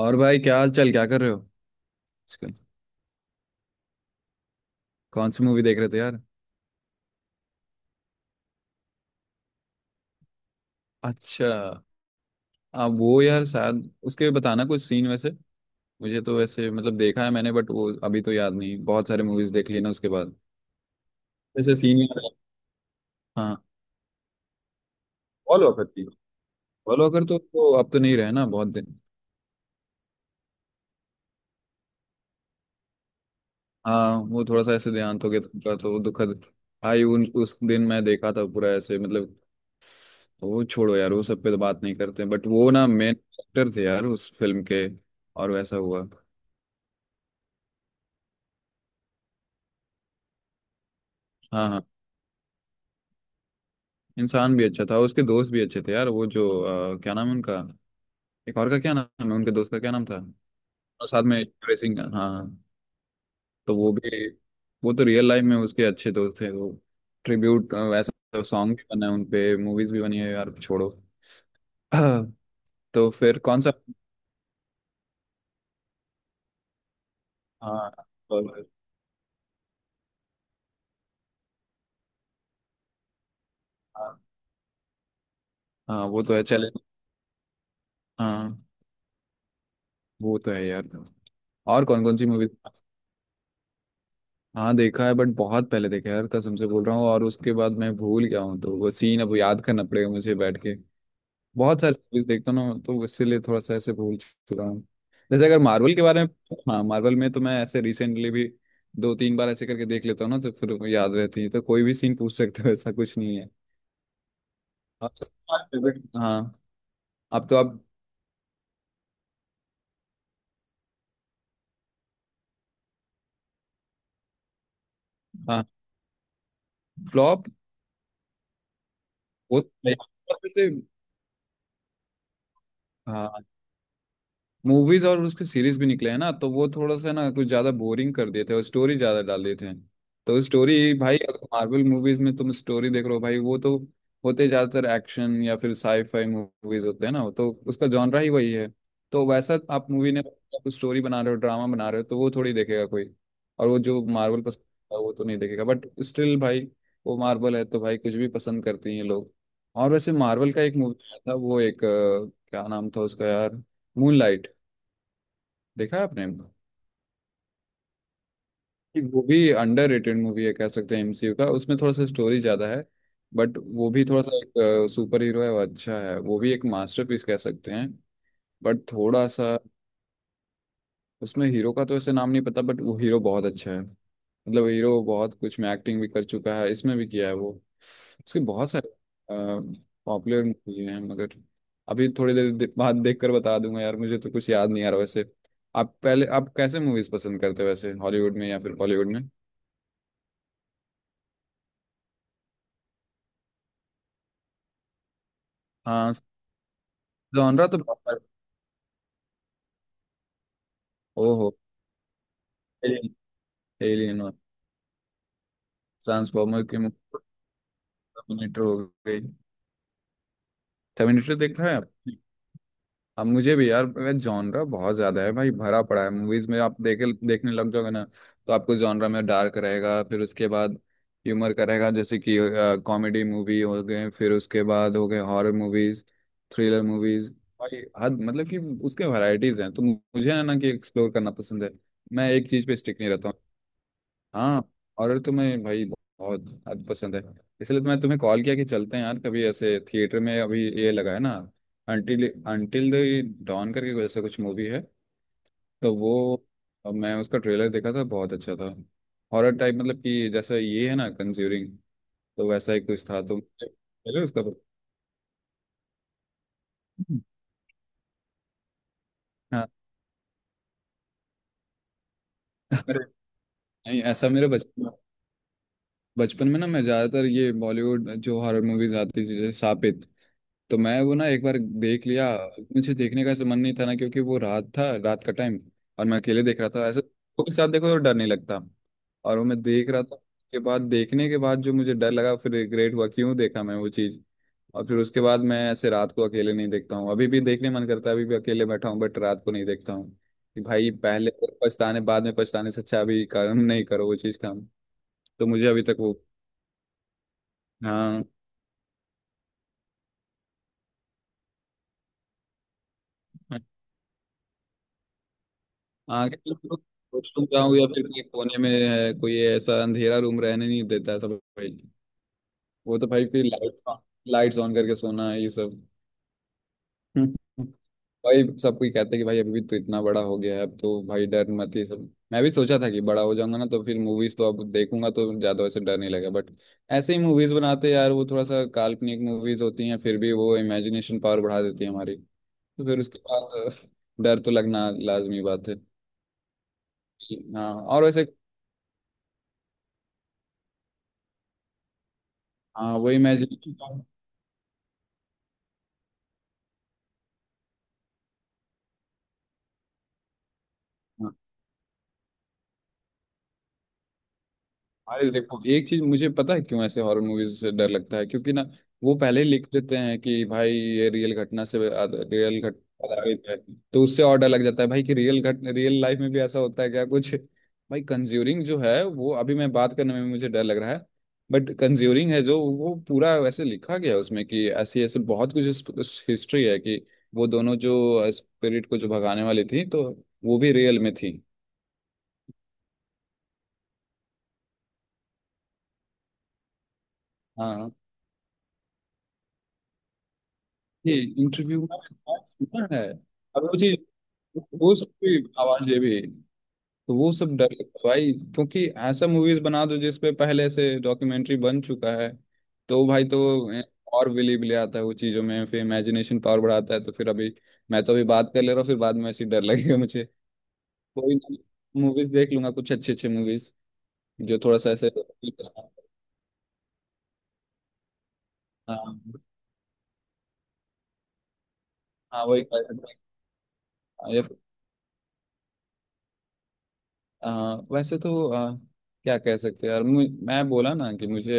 और भाई क्या हाल चाल क्या कर रहे हो आजकल। कौन सी मूवी देख रहे थे यार? अच्छा। आप वो यार शायद उसके बताना कुछ सीन वैसे। मुझे तो वैसे मतलब देखा है मैंने बट वो अभी तो याद नहीं, बहुत सारे मूवीज देख लिए ना उसके बाद। वैसे सीन याद है? हाँ। पॉल वॉकर थी। पॉल वॉकर तो अब तो नहीं रहे ना बहुत दिन। हाँ वो थोड़ा सा ऐसे देहांत हो गया था उनका, तो वो दुखद। भाई उन उस दिन मैं देखा था पूरा ऐसे मतलब। वो छोड़ो यार, वो सब पे तो बात नहीं करते बट वो ना मेन एक्टर थे यार उस फिल्म के। और वैसा हुआ। हाँ हाँ। इंसान भी अच्छा था, उसके दोस्त भी अच्छे थे यार। वो जो क्या नाम है उनका। एक और का क्या नाम है, उनके दोस्त का क्या नाम था? और साथ में ट्रेसिंग, हाँ। तो वो भी। वो तो रियल लाइफ में उसके अच्छे दोस्त थे वो। ट्रिब्यूट। ऐसा सॉन्ग भी बना है उनपे, मूवीज भी बनी है यार, छोड़ो। तो फिर कौन सा? हाँ। और- हाँ हाँ, वो तो है चैलेंज। हाँ वो तो है यार। और कौन कौन सी मूवी? हाँ देखा है बट बहुत पहले देखा है यार, कसम से बोल रहा हूँ, और उसके बाद मैं भूल गया हूँ, तो वो सीन अब याद करना पड़ेगा मुझे बैठ के। बहुत सारे मूवीज देखता हूँ ना, तो इसीलिए थोड़ा सा ऐसे भूल चुका हूँ। जैसे अगर मार्वल के बारे में। हाँ मार्वल में तो मैं ऐसे रिसेंटली भी दो तीन बार ऐसे करके देख लेता हूँ ना, तो फिर वो याद रहती है, तो कोई भी सीन पूछ सकते हो, ऐसा कुछ नहीं है। और तुम्हारा हाँ। अब तो आप। हाँ। फ्लॉप। वो वैसे हाँ मूवीज और उसके सीरीज भी निकले हैं ना, तो वो थोड़ा सा ना कुछ ज्यादा बोरिंग कर देते हैं और स्टोरी ज्यादा डाल देते हैं। तो स्टोरी भाई, अगर मार्वल मूवीज में तुम स्टोरी देख रहे हो भाई, वो तो होते ज्यादातर एक्शन या फिर साईफाई मूवीज होते हैं ना, तो उसका जॉनरा ही वही है। तो वैसा आप मूवी ने आप स्टोरी बना रहे हो, ड्रामा बना रहे हो, तो वो थोड़ी देखेगा कोई। और वो जो मार्वल पसंद है वो तो नहीं देखेगा, बट स्टिल भाई, वो मार्वल है तो भाई, कुछ भी पसंद करते हैं लोग। और वैसे मार्वल का एक मूवी आया था, वो एक क्या नाम था उसका यार। मूनलाइट। देखा है आपने? एक वो भी अंडररेटेड मूवी है कह सकते हैं, एमसीयू का, उसमें थोड़ा सा स्टोरी ज्यादा है। बट वो भी थोड़ा सा एक सुपर हीरो है, वो अच्छा है, वो भी एक मास्टरपीस कह सकते हैं। बट थोड़ा सा। उसमें हीरो का तो ऐसे नाम नहीं पता, बट वो हीरो बहुत अच्छा है, मतलब हीरो बहुत कुछ में एक्टिंग भी कर चुका है, इसमें भी किया है वो। उसके बहुत सारे पॉपुलर मूवी हैं, मगर अभी थोड़ी देर बाद देख कर बता दूंगा यार, मुझे तो कुछ याद नहीं आ रहा वैसे। आप पहले, आप कैसे मूवीज पसंद करते हो वैसे? हॉलीवुड में या फिर बॉलीवुड में? हाँ जॉनरा तो प्रॉपर। ओहो। एलियन। Alien one. ट्रांसफॉर्मर की मूवी। टर्मिनेटर हो गई। टर्मिनेटर देखा है आपने? अब मुझे भी यार जॉनरा बहुत ज्यादा है भाई, भरा पड़ा है मूवीज में, आप देखे देखने लग जाओगे ना। तो आपको जॉनरा में डार्क रहेगा, फिर उसके बाद ह्यूमर का रहेगा, जैसे कि कॉमेडी मूवी हो गए, फिर उसके बाद हो गए हॉरर मूवीज, थ्रिलर मूवीज। भाई हद मतलब कि उसके वैरायटीज हैं, तो मुझे है ना कि एक्सप्लोर करना पसंद है। मैं एक चीज पे स्टिक नहीं रहता हूँ। हाँ। हॉरर तो मैं भाई बहुत हद पसंद है। इसलिए तो मैं तुम्हें कॉल किया कि चलते हैं यार कभी ऐसे थिएटर में, अभी ये लगा है ना अंटिल अंटिल द डॉन करके ऐसा कुछ मूवी है। तो वो, अब मैं उसका ट्रेलर देखा था बहुत अच्छा था, हॉरर टाइप, मतलब कि जैसा ये है ना कंज्यूरिंग, तो वैसा ही कुछ था, तो चलो उसका। हाँ। अरे नहीं, ऐसा मेरे बचपन बचपन में ना मैं ज़्यादातर ये बॉलीवुड जो हॉरर मूवीज आती थी जैसे सापित, तो मैं वो ना एक बार देख लिया। मुझे देखने का ऐसा मन नहीं था ना, क्योंकि वो रात का टाइम और मैं अकेले देख रहा था, ऐसे लोगों के साथ देखो तो डर नहीं लगता। और वो मैं देख रहा था। के बाद देखने के बाद जो मुझे डर लगा, फिर रिग्रेट हुआ क्यों देखा मैं वो चीज़। और फिर उसके बाद मैं ऐसे रात को अकेले नहीं देखता हूँ, अभी भी देखने मन करता है, अभी भी अकेले बैठा हूँ बट रात को नहीं देखता हूँ। कि भाई पहले तो पछताने, बाद में पछताने से अच्छा अभी कर्म नहीं करो वो चीज़ का। तो मुझे अभी तक वो। हाँ हाँ। कि लोग रूम जाऊँ या फिर कोई कोने में है, कोई ऐसा अंधेरा रूम रहने नहीं देता है तो भाई। वो तो भाई फिर लाइट्स ऑन करके सोना है ये सब। हम्म। भाई सब कोई कहते हैं कि भाई अभी भी तो इतना बड़ा हो गया है, अब तो भाई डर मत ये सब, मैं भी सोचा था कि बड़ा हो जाऊंगा ना, तो फिर मूवीज तो अब देखूंगा तो ज्यादा वैसे डर नहीं लगेगा, बट ऐसे ही मूवीज बनाते हैं यार, वो थोड़ा सा काल्पनिक मूवीज होती हैं फिर भी वो इमेजिनेशन पावर बढ़ा देती है हमारी। तो फिर उसके बाद डर तो लगना लाजमी बात है। हाँ और वैसे। हाँ वही मैं। हाँ, अरे देखो एक चीज, मुझे पता है क्यों ऐसे हॉरर मूवीज से डर लगता है, क्योंकि ना वो पहले ही लिख देते हैं कि भाई ये रियल घटना से रियल घट आधारित है। तो उससे और डर लग जाता है भाई कि रियल लाइफ में भी ऐसा होता है क्या कुछ। भाई कंज्यूरिंग जो है वो अभी मैं बात करने में भी मुझे डर लग रहा है। बट कंज्यूरिंग है जो वो पूरा वैसे लिखा गया है उसमें कि ऐसी ऐसे बहुत कुछ हिस्ट्री है कि वो दोनों जो स्पिरिट को जो भगाने वाली थी, तो वो भी रियल में थी। हाँ ये इंटरव्यू में मैंने सुना है। अब मुझे वो सब की आवाज ये भी। तो वो सब डर लगता है भाई, क्योंकि ऐसा मूवीज बना दो जिसपे पहले से डॉक्यूमेंट्री बन चुका है, तो भाई तो और बिलीव ले आता है वो चीजों में, फिर इमेजिनेशन पावर बढ़ाता है तो फिर अभी। मैं तो अभी बात कर ले रहा हूँ, फिर बाद में ऐसी डर लगेगा मुझे। कोई मूवीज देख लूंगा कुछ अच्छे अच्छे मूवीज जो थोड़ा सा ऐसे। हाँ। हाँ वही। वैसे तो क्या कह सकते हैं यार। मैं बोला ना कि मुझे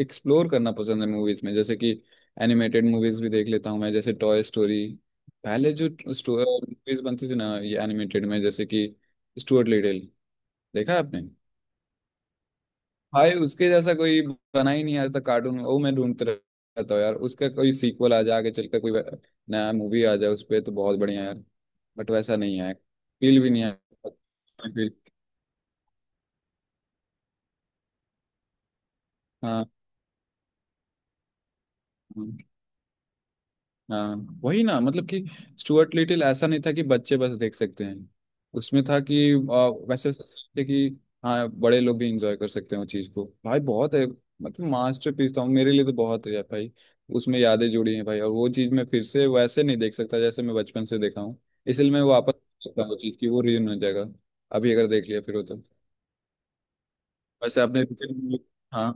एक्सप्लोर करना पसंद है मूवीज में, जैसे कि एनिमेटेड मूवीज भी देख लेता हूँ मैं, जैसे टॉय स्टोरी। पहले जो मूवीज बनती थी ना ये एनिमेटेड में, जैसे कि स्टुअर्ट लिटिल। देखा है आपने? भाई उसके जैसा कोई बना ही नहीं आज तक कार्टून, वो मैं ढूंढता रहता हूँ यार, उसका कोई सीक्वल आ जाए आगे चलकर, कोई नया मूवी आ जाए उस पर, तो बहुत बढ़िया यार। बट वैसा नहीं है, फील भी नहीं है। फील। हाँ। हाँ वही ना मतलब कि स्टुअर्ट लिटिल ऐसा नहीं था कि बच्चे बस देख सकते हैं। उसमें था कि वैसे थे कि हाँ बड़े लोग भी इंजॉय कर सकते हैं उस चीज़ को भाई बहुत है। मतलब मास्टरपीस था मेरे लिए, तो बहुत है यार भाई, उसमें यादें जुड़ी हैं भाई, और वो चीज़ मैं फिर से वैसे नहीं देख सकता जैसे मैं बचपन से देखा हूँ। इसलिए मैं वापस देख सकता हूँ वो चीज़ की वो रियून हो जाएगा, अभी अगर देख लिया फिर वो तो। वैसे आपने हाँ।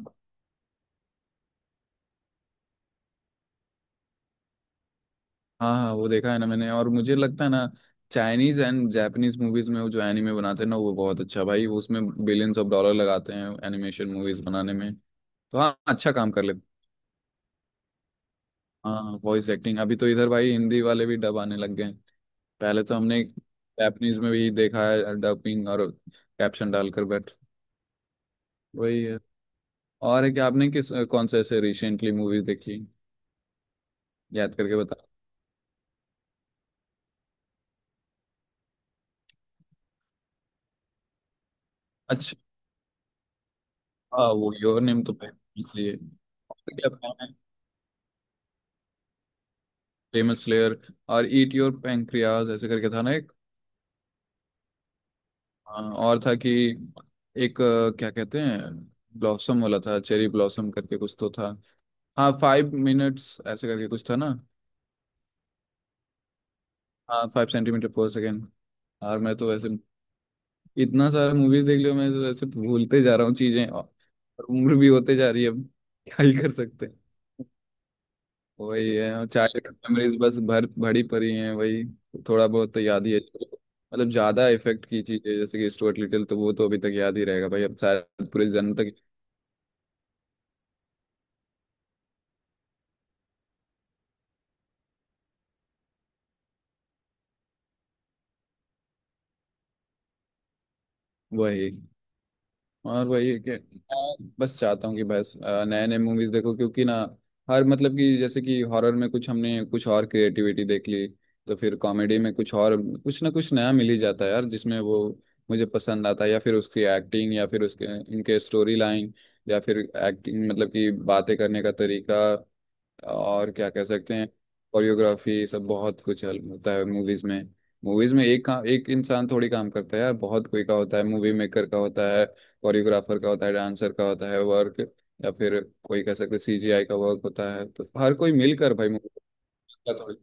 हाँ हाँ वो देखा है ना मैंने, और मुझे लगता है ना चाइनीज एंड जापानीज मूवीज में वो जो एनिमे बनाते हैं ना वो बहुत अच्छा भाई, वो उसमें बिलियंस ऑफ डॉलर लगाते हैं एनिमेशन मूवीज बनाने में, तो हाँ अच्छा काम कर ले। हाँ वॉइस एक्टिंग अभी तो इधर भाई हिंदी वाले भी डब आने लग गए हैं। पहले तो हमने जापानीज में भी देखा है डबिंग और कैप्शन डालकर बट वही है। और है कि आपने किस कौन सा ऐसे रिसेंटली मूवी देखी? याद करके बता। अच्छा। हाँ, वो योर नेम तो भाई इसलिए। और क्या? Famous layer. और ईट योर पेंक्रियाज ऐसे करके था ना एक। हाँ, और था कि एक क्या कहते हैं, ब्लॉसम वाला था, चेरी ब्लॉसम करके कुछ तो था। हाँ फाइव मिनट्स ऐसे करके कुछ था ना। हाँ फाइव सेंटीमीटर पर सेकेंड। और मैं तो वैसे इतना सारा मूवीज देख लिया, मैं तो वैसे भूलते जा रहा हूँ चीजें, और उम्र भी होते जा रही है अब, क्या ही कर सकते हैं। वही है, और चाइल्डहुड मेमोरीज बस भर भरी पड़ी हैं वही, थोड़ा बहुत तो याद ही है। मतलब ज्यादा इफेक्ट की चीजें जैसे कि स्टुअर्ट लिटिल, तो वो तो अभी तक याद ही रहेगा भाई, अब शायद पूरे जन्म तक। वही। और वही है कि मैं बस चाहता हूँ कि बस नए नए मूवीज देखो, क्योंकि ना हर मतलब कि जैसे कि हॉरर में कुछ हमने कुछ और क्रिएटिविटी देख ली, तो फिर कॉमेडी में कुछ और, कुछ ना कुछ नया मिल ही जाता है यार, जिसमें वो मुझे पसंद आता है, या फिर उसकी एक्टिंग, या फिर उसके उनके स्टोरी लाइन, या फिर एक्टिंग मतलब कि बातें करने का तरीका, और क्या कह सकते हैं, कोरियोग्राफी सब बहुत कुछ हेल्प होता है मूवीज में। मूवीज में एक काम एक इंसान थोड़ी काम करता है यार, बहुत कोई का होता है, मूवी मेकर का होता है, कोरियोग्राफर का होता है, डांसर का होता है वर्क, या फिर कोई कह सकते सीजीआई का वर्क होता है, तो हर कोई मिलकर भाई मूवी थोड़ी,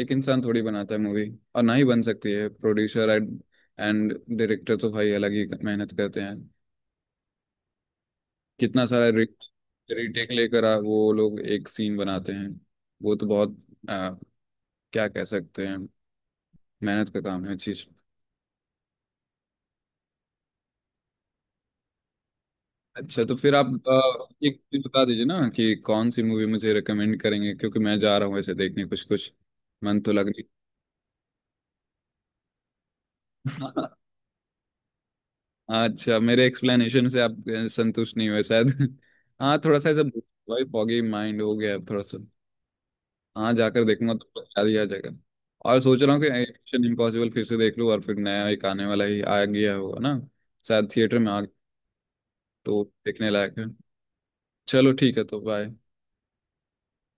एक इंसान थोड़ी बनाता है मूवी, और ना ही बन सकती है। प्रोड्यूसर एंड एंड डायरेक्टर तो भाई अलग ही मेहनत करते हैं। कितना सारा रिटेक लेकर वो लोग एक सीन बनाते हैं, वो तो बहुत क्या कह सकते हैं, मेहनत का काम है चीज। अच्छा तो फिर आप एक चीज बता दीजिए ना, कि कौन सी मूवी मुझे रेकमेंड करेंगे, क्योंकि मैं जा रहा हूँ ऐसे देखने कुछ कुछ। मन तो लग नहीं अच्छा मेरे एक्सप्लेनेशन से आप संतुष्ट नहीं हुए शायद हाँ थोड़ा सा ऐसा। भाई फॉगी माइंड हो गया अब थोड़ा सा। हाँ जाकर देखूंगा तो याद ही आ जाएगा। और सोच रहा हूँ कि मिशन इम्पॉसिबल फिर से देख लूँ, और फिर नया एक आने वाला ही आ गया होगा ना शायद थिएटर में आ, तो देखने लायक है। चलो ठीक है, तो बाय।